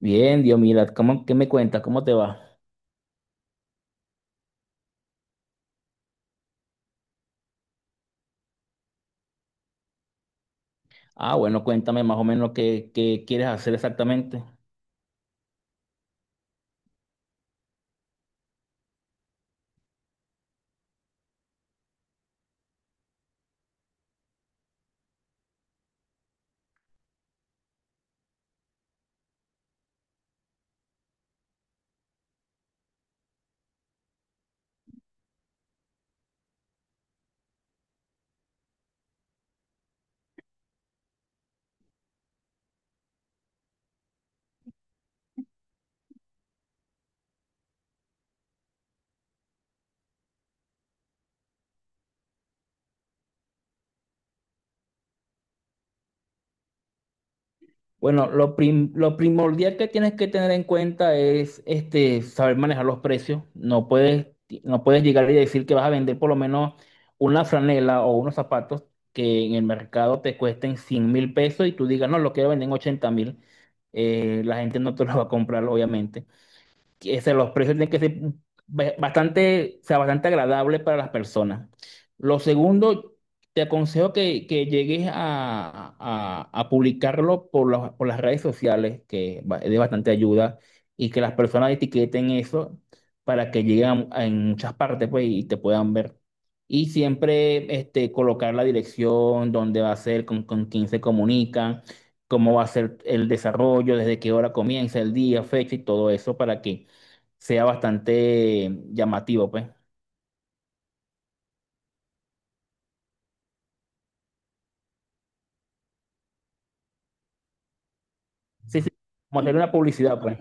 Bien, Diomila, ¿cómo, qué me cuenta? ¿Cómo te va? Ah, bueno, cuéntame más o menos qué quieres hacer exactamente. Bueno, lo primordial que tienes que tener en cuenta es saber manejar los precios. No puedes llegar y decir que vas a vender por lo menos una franela o unos zapatos que en el mercado te cuesten 100.000 pesos y tú digas, no, lo quiero vender en 80.000. La gente no te lo va a comprar, obviamente. Los precios tienen que ser bastante, o sea, bastante agradable para las personas. Lo segundo, te aconsejo que llegues a publicarlo por las redes sociales, es de bastante ayuda, y que las personas etiqueten eso para que lleguen a en muchas partes pues, y te puedan ver. Y siempre colocar la dirección, dónde va a ser, con quién se comunican, cómo va a ser el desarrollo, desde qué hora comienza el día, fecha y todo eso para que sea bastante llamativo, pues. Sí, sí, como hacer una publicidad, pues.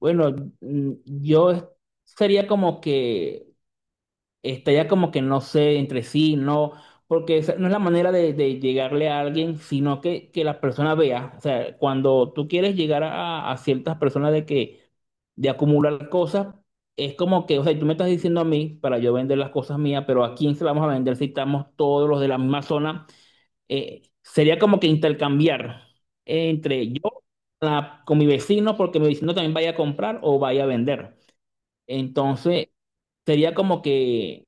Bueno, mm, yo es- sería como que estaría como que no sé entre sí, no, porque esa no es la manera de llegarle a alguien, sino que la persona vea. O sea, cuando tú quieres llegar a ciertas personas de que de acumular cosas, es como que, o sea, tú me estás diciendo a mí para yo vender las cosas mías, pero ¿a quién se las vamos a vender si estamos todos los de la misma zona? Sería como que intercambiar entre yo con mi vecino, porque mi vecino también vaya a comprar o vaya a vender. Entonces, sería como que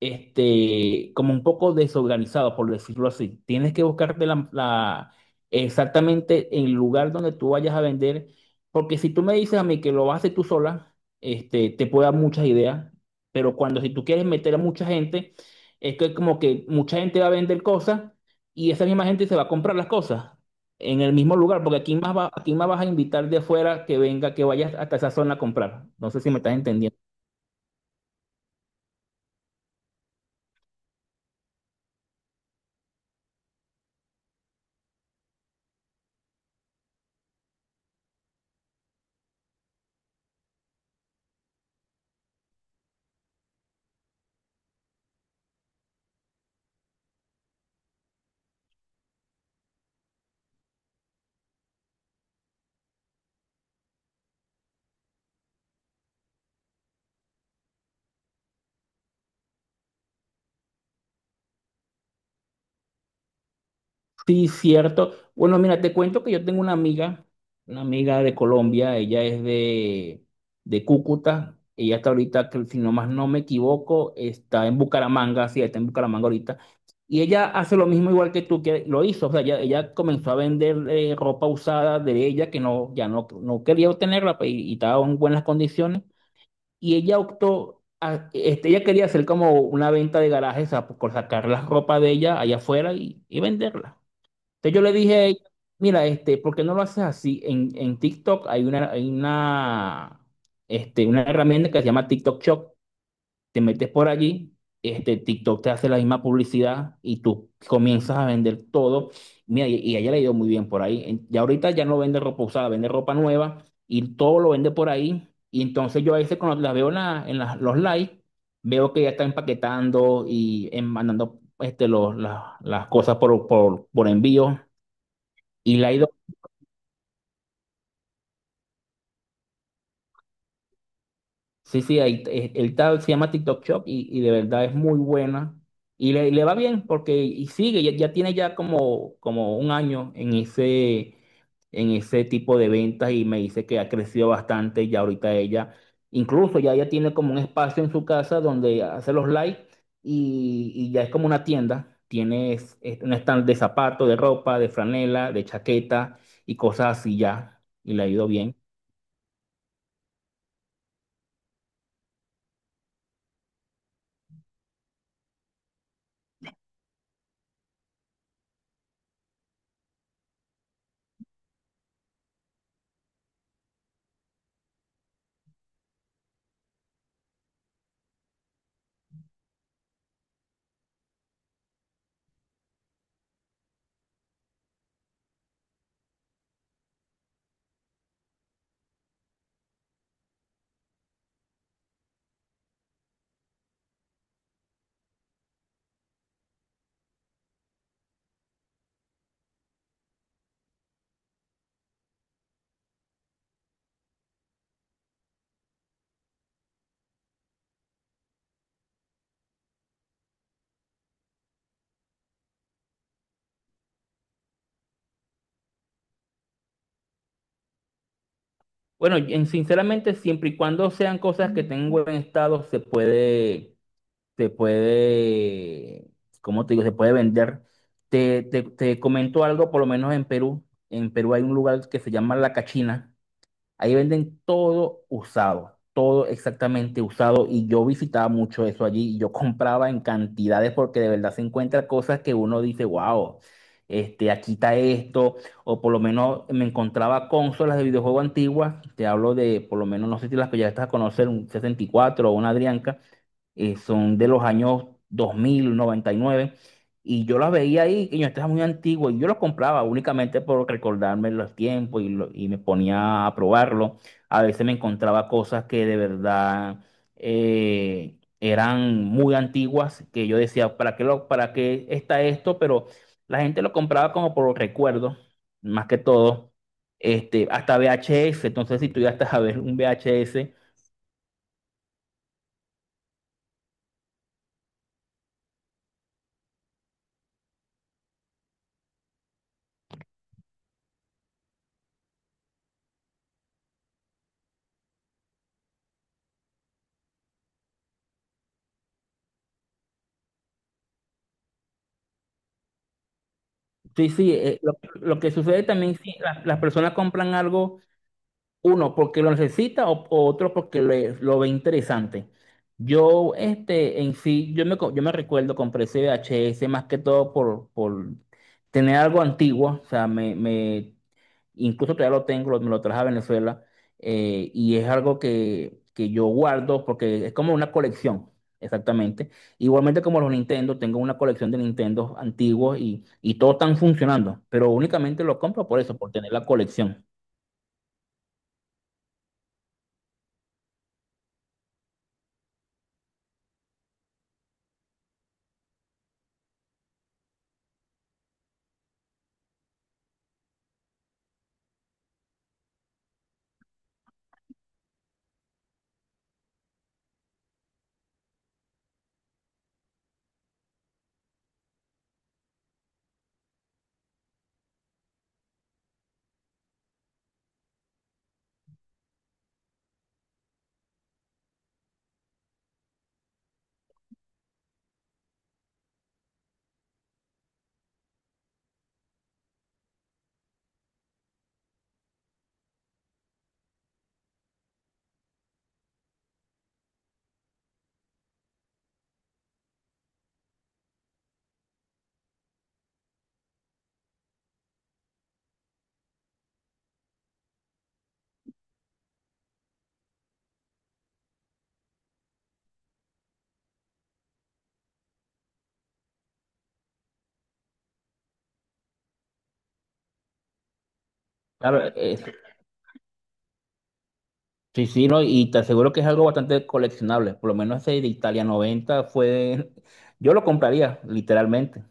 como un poco desorganizado, por decirlo así. Tienes que buscarte exactamente el lugar donde tú vayas a vender, porque si tú me dices a mí que lo vas a hacer tú sola, te puedo dar muchas ideas, pero cuando si tú quieres meter a mucha gente, es que como que mucha gente va a vender cosas y esa misma gente se va a comprar las cosas. En el mismo lugar, porque aquí más va, aquí más vas a invitar de afuera que venga, que vayas hasta esa zona a comprar. No sé si me estás entendiendo. Sí, cierto. Bueno, mira, te cuento que yo tengo una amiga de Colombia, ella es de Cúcuta, ella está ahorita, que si no más no me equivoco, está en Bucaramanga, sí, está en Bucaramanga ahorita, y ella hace lo mismo igual que tú, que lo hizo, o sea, ella comenzó a vender ropa usada de ella que no, ya no quería obtenerla pues, y estaba en buenas condiciones, y ella optó, ella quería hacer como una venta de garajes, o sea, por sacar la ropa de ella allá afuera y venderla. Entonces yo le dije a ella, mira, ¿por qué no lo haces así? En TikTok hay una herramienta que se llama TikTok Shop. Te metes por allí, TikTok te hace la misma publicidad y tú comienzas a vender todo. Mira, y a ella le ha ido muy bien por ahí. Ya ahorita ya no vende ropa usada, vende ropa nueva y todo lo vende por ahí. Y entonces yo a veces cuando las veo en, la- en las- los likes, veo que ya está empaquetando y mandando los, las cosas por envío. Y la he ido, sí, sí, ahí, se llama TikTok Shop y de verdad es muy buena. Y le va bien porque y sigue, ya, ya tiene ya como un año en ese tipo de ventas y me dice que ha crecido bastante y ya ahorita ella, incluso ya ella tiene como un espacio en su casa donde hace los live y ya es como una tienda. Tienes un stand de zapatos, de ropa, de franela, de chaqueta y cosas así ya. Y le ha ido bien. Bueno, sinceramente, siempre y cuando sean cosas que tengan buen estado, se puede, ¿cómo te digo? Se puede vender. Te comento algo, por lo menos en Perú. En Perú hay un lugar que se llama La Cachina. Ahí venden todo usado, todo exactamente usado. Y yo visitaba mucho eso allí y yo compraba en cantidades porque de verdad se encuentra cosas que uno dice, wow, aquí está esto. O por lo menos me encontraba consolas de videojuego antiguas. Te hablo de, por lo menos, no sé si las que ya estás a conocer, un 64 o una Adrianca. Son de los años dos mil noventa y nueve. Y yo las veía ahí, y yo estaba muy antiguo, y yo los compraba únicamente por recordarme los tiempos y, y me ponía a probarlo. A veces me encontraba cosas que de verdad eran muy antiguas, que yo decía, ¿para qué está esto? Pero la gente lo compraba como por recuerdo, más que todo. Hasta VHS, entonces si tú ya estás a ver un VHS. Sí, sí, lo que sucede también, sí, las personas compran algo. Uno porque lo necesita o otro porque lo ve interesante. Yo, en sí, yo me recuerdo, compré ese V H S más que todo por tener algo antiguo, o sea, incluso todavía lo tengo, me lo traje a Venezuela, y es algo que yo guardo porque es como una colección, exactamente. Igualmente como los Nintendo, tengo una colección de Nintendo antiguos y todos están funcionando, pero únicamente lo compro por eso, por tener la colección. Claro, Sí, sí, no, y te aseguro que es algo bastante coleccionable. Por lo menos ese de Italia 90 fue. Yo lo compraría, literalmente.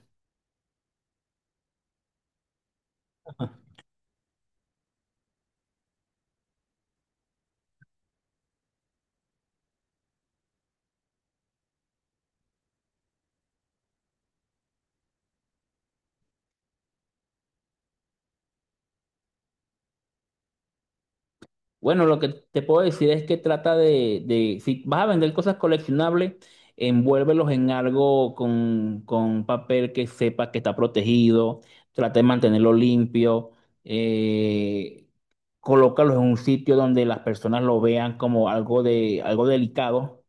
Bueno, lo que te puedo decir es que trata si vas a vender cosas coleccionables, envuélvelos en algo con papel que sepa que está protegido, trata de mantenerlo limpio, eh, colócalos en un sitio donde las personas lo vean como algo delicado.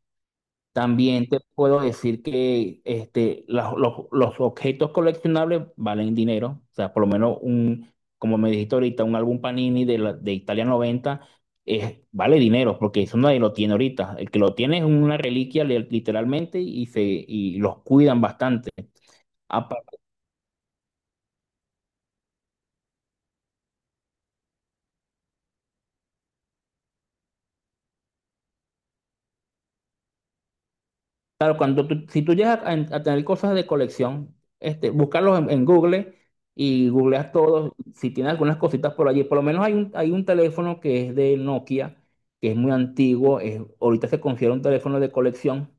También te puedo decir que los objetos coleccionables valen dinero. O sea, por lo menos un, como me dijiste ahorita, un álbum Panini de Italia 90 es, vale dinero, porque eso nadie lo tiene ahorita. El que lo tiene es una reliquia literalmente y los cuidan bastante. Claro, cuando si tú llegas a tener cosas de colección, buscarlos en Google y googleas todos. Si tienes algunas cositas por allí, por lo menos hay un teléfono que es de Nokia, que es muy antiguo, ahorita se considera un teléfono de colección,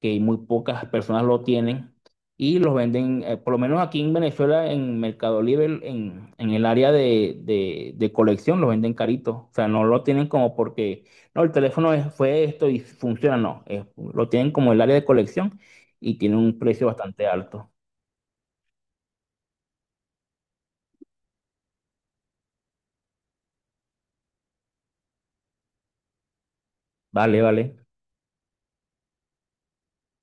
que muy pocas personas lo tienen y los venden, por lo menos aquí en Venezuela, en Mercado Libre, en el área de colección, los venden caritos. O sea, no lo tienen como porque, no, el teléfono fue esto y funciona, no. Lo tienen como el área de colección y tiene un precio bastante alto. Vale, vale.